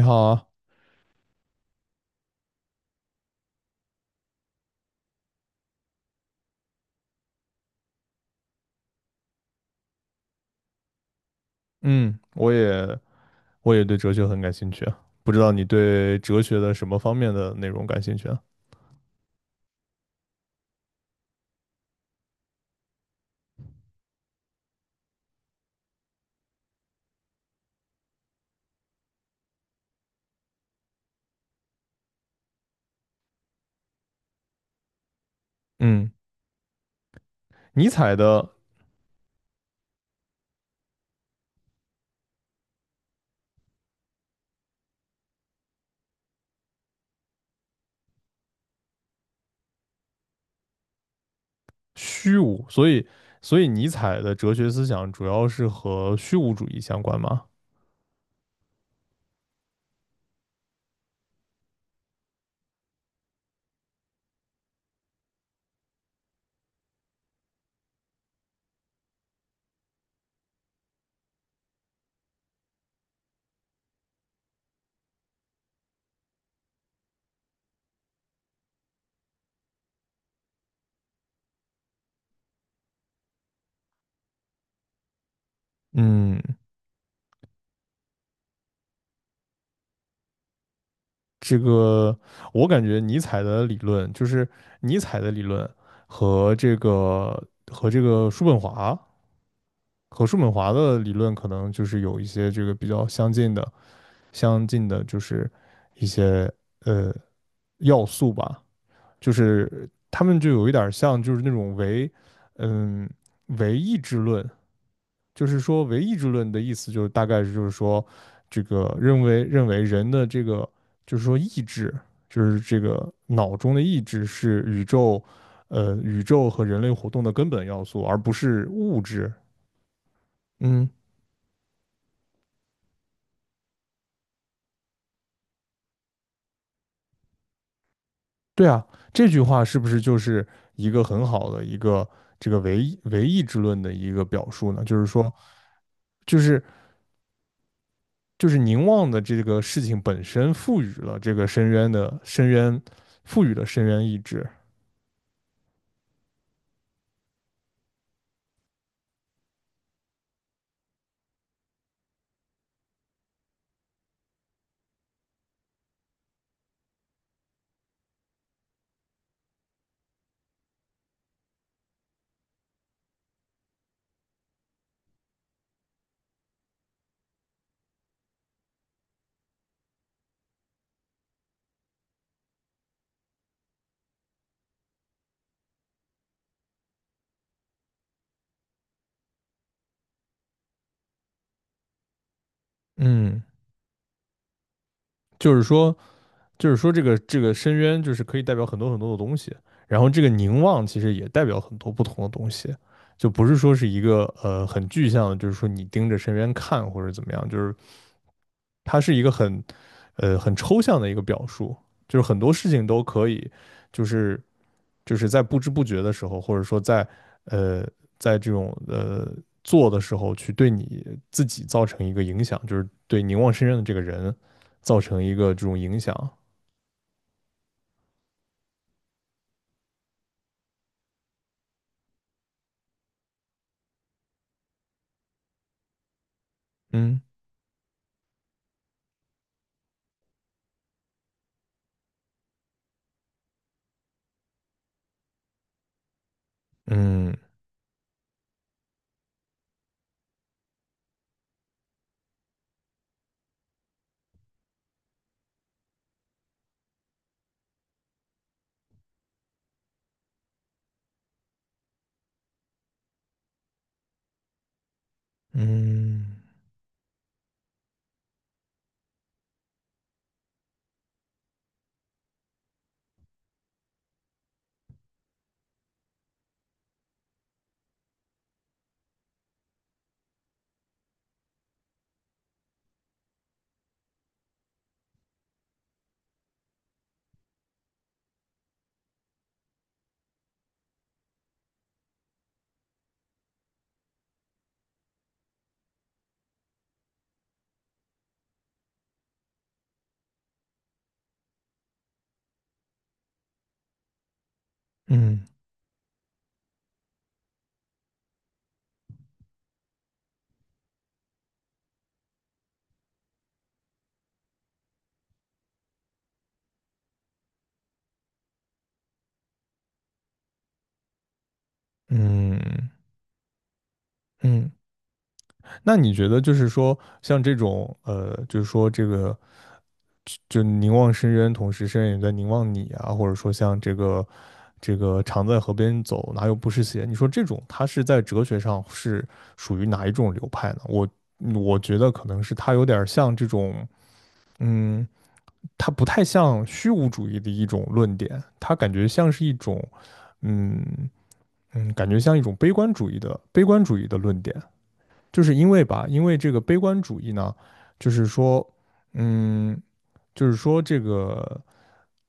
你好啊。嗯，我也我也对哲学很感兴趣啊，不知道你对哲学的什么方面的内容感兴趣啊？嗯，尼采的虚无，所以尼采的哲学思想主要是和虚无主义相关吗？嗯，这个我感觉尼采的理论，尼采的理论和这个和这个叔本华叔本华的理论，可能就是有一些这个比较相近的相近的，就是一些呃要素吧，就是他们就有一点儿像，就是那种嗯唯意志论。就是说唯意志论的意思就是大概是就是说，这个认为人的这个就是说意志，就是这个脑中的意志是宇宙，宇宙和人类活动的根本要素，而不是物质。嗯，对啊，这句话是不是就是一个很好的一个这个唯意志论的一个表述呢？就是说，就是就是凝望的这个事情本身赋予了这个深渊，赋予了深渊意志。嗯。就是说，就是说这个深渊就是可以代表很多的东西，然后这个凝望其实也代表很多不同的东西，就不是说是一个很具象的，就是说你盯着深渊看或者怎么样，就是它是一个很抽象的一个表述，就是很多事情都可以，就是就是在不知不觉的时候，或者说在呃在这种做的时候去对你自己造成一个影响，就是对凝望深渊的这个人造成一个这种影响。嗯嗯嗯嗯嗯嗯，那你觉得就是说，像这种就是说这个，就凝望深渊，同时深渊也在凝望你啊，或者说像这个常在河边走，哪有不湿鞋？你说这种，它是在哲学上是属于哪一种流派呢？我觉得可能是它有点儿像这种，嗯。它不太像虚无主义的一种论点，它感觉像是一种，嗯嗯，感觉像一种悲观主义的论点，就是因为吧，因为这个悲观主义呢，就是说，嗯，就是说这个，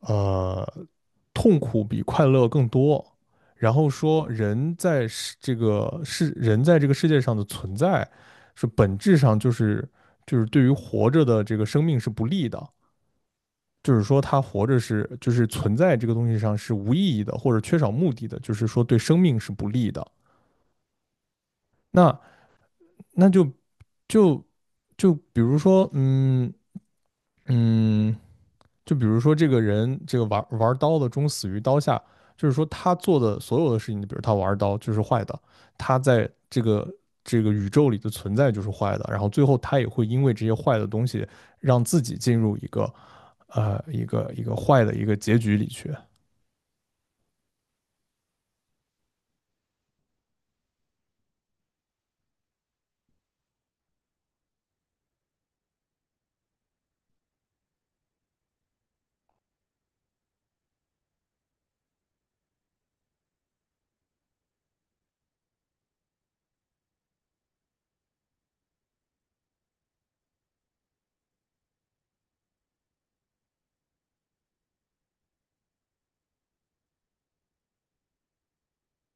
呃，痛苦比快乐更多，然后说人在这个世界上的存在，是本质上就是对于活着的这个生命是不利的。就是说他活着是就是存在这个东西上是无意义的，或者缺少目的的，就是说对生命是不利的。那那就就就比如说，嗯，就比如说这个人这个玩刀的终死于刀下，就是说他做的所有的事情，比如他玩刀就是坏的，他在这个宇宙里的存在就是坏的，然后最后他也会因为这些坏的东西让自己进入一个坏的一个结局里去。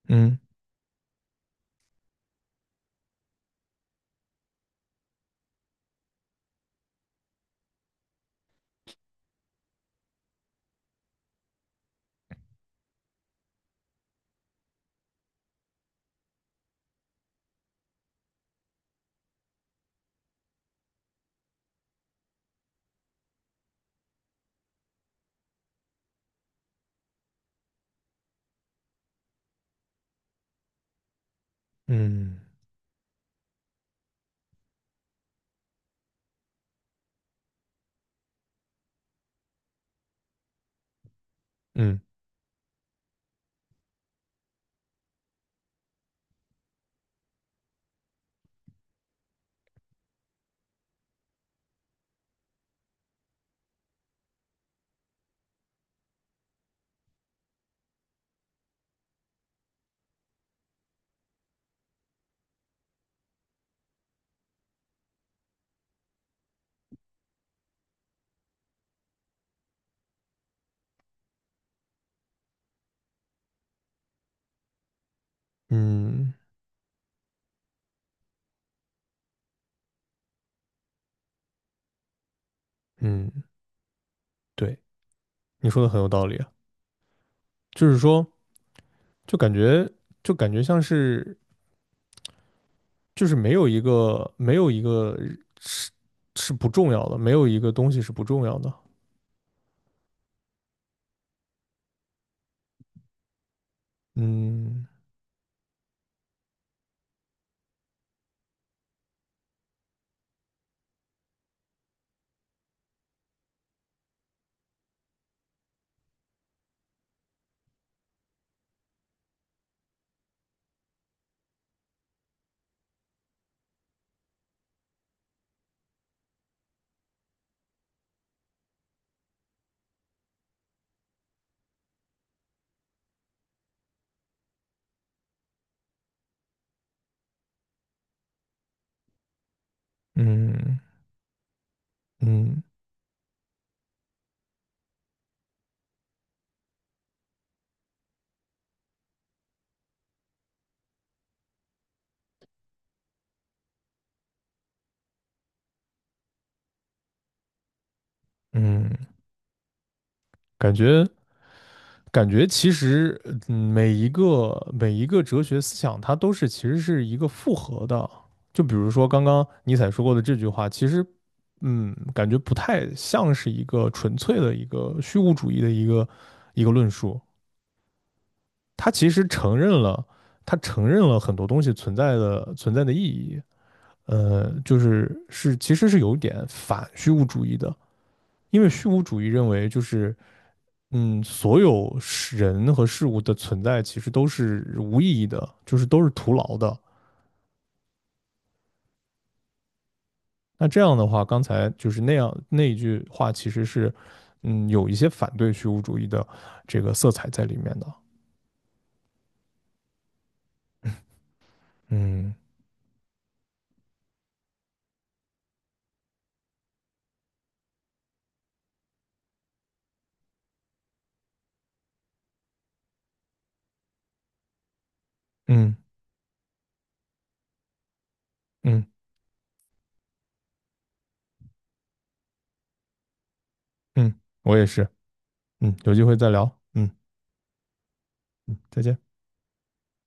嗯嗯嗯嗯嗯，对，你说的很有道理啊。就是说，就感觉就感觉像是就是没有一个是是不重要的，没有一个东西是不重要的。嗯嗯嗯嗯，感觉感觉其实，嗯，每一个哲学思想，它都是其实是一个复合的。就比如说刚刚尼采说过的这句话，其实，嗯，感觉不太像是一个纯粹的一个虚无主义的一个论述。它其实承认了，它承认了很多东西存在的意义。就是是其实是有一点反虚无主义的，因为虚无主义认为就是嗯，所有事人和事物的存在其实都是无意义的，就是都是徒劳的。那这样的话，刚才就是那样那一句话，其实是，嗯，有一些反对虚无主义的这个色彩在里面的。嗯嗯嗯嗯，我也是。嗯，有机会再聊。嗯嗯，再见。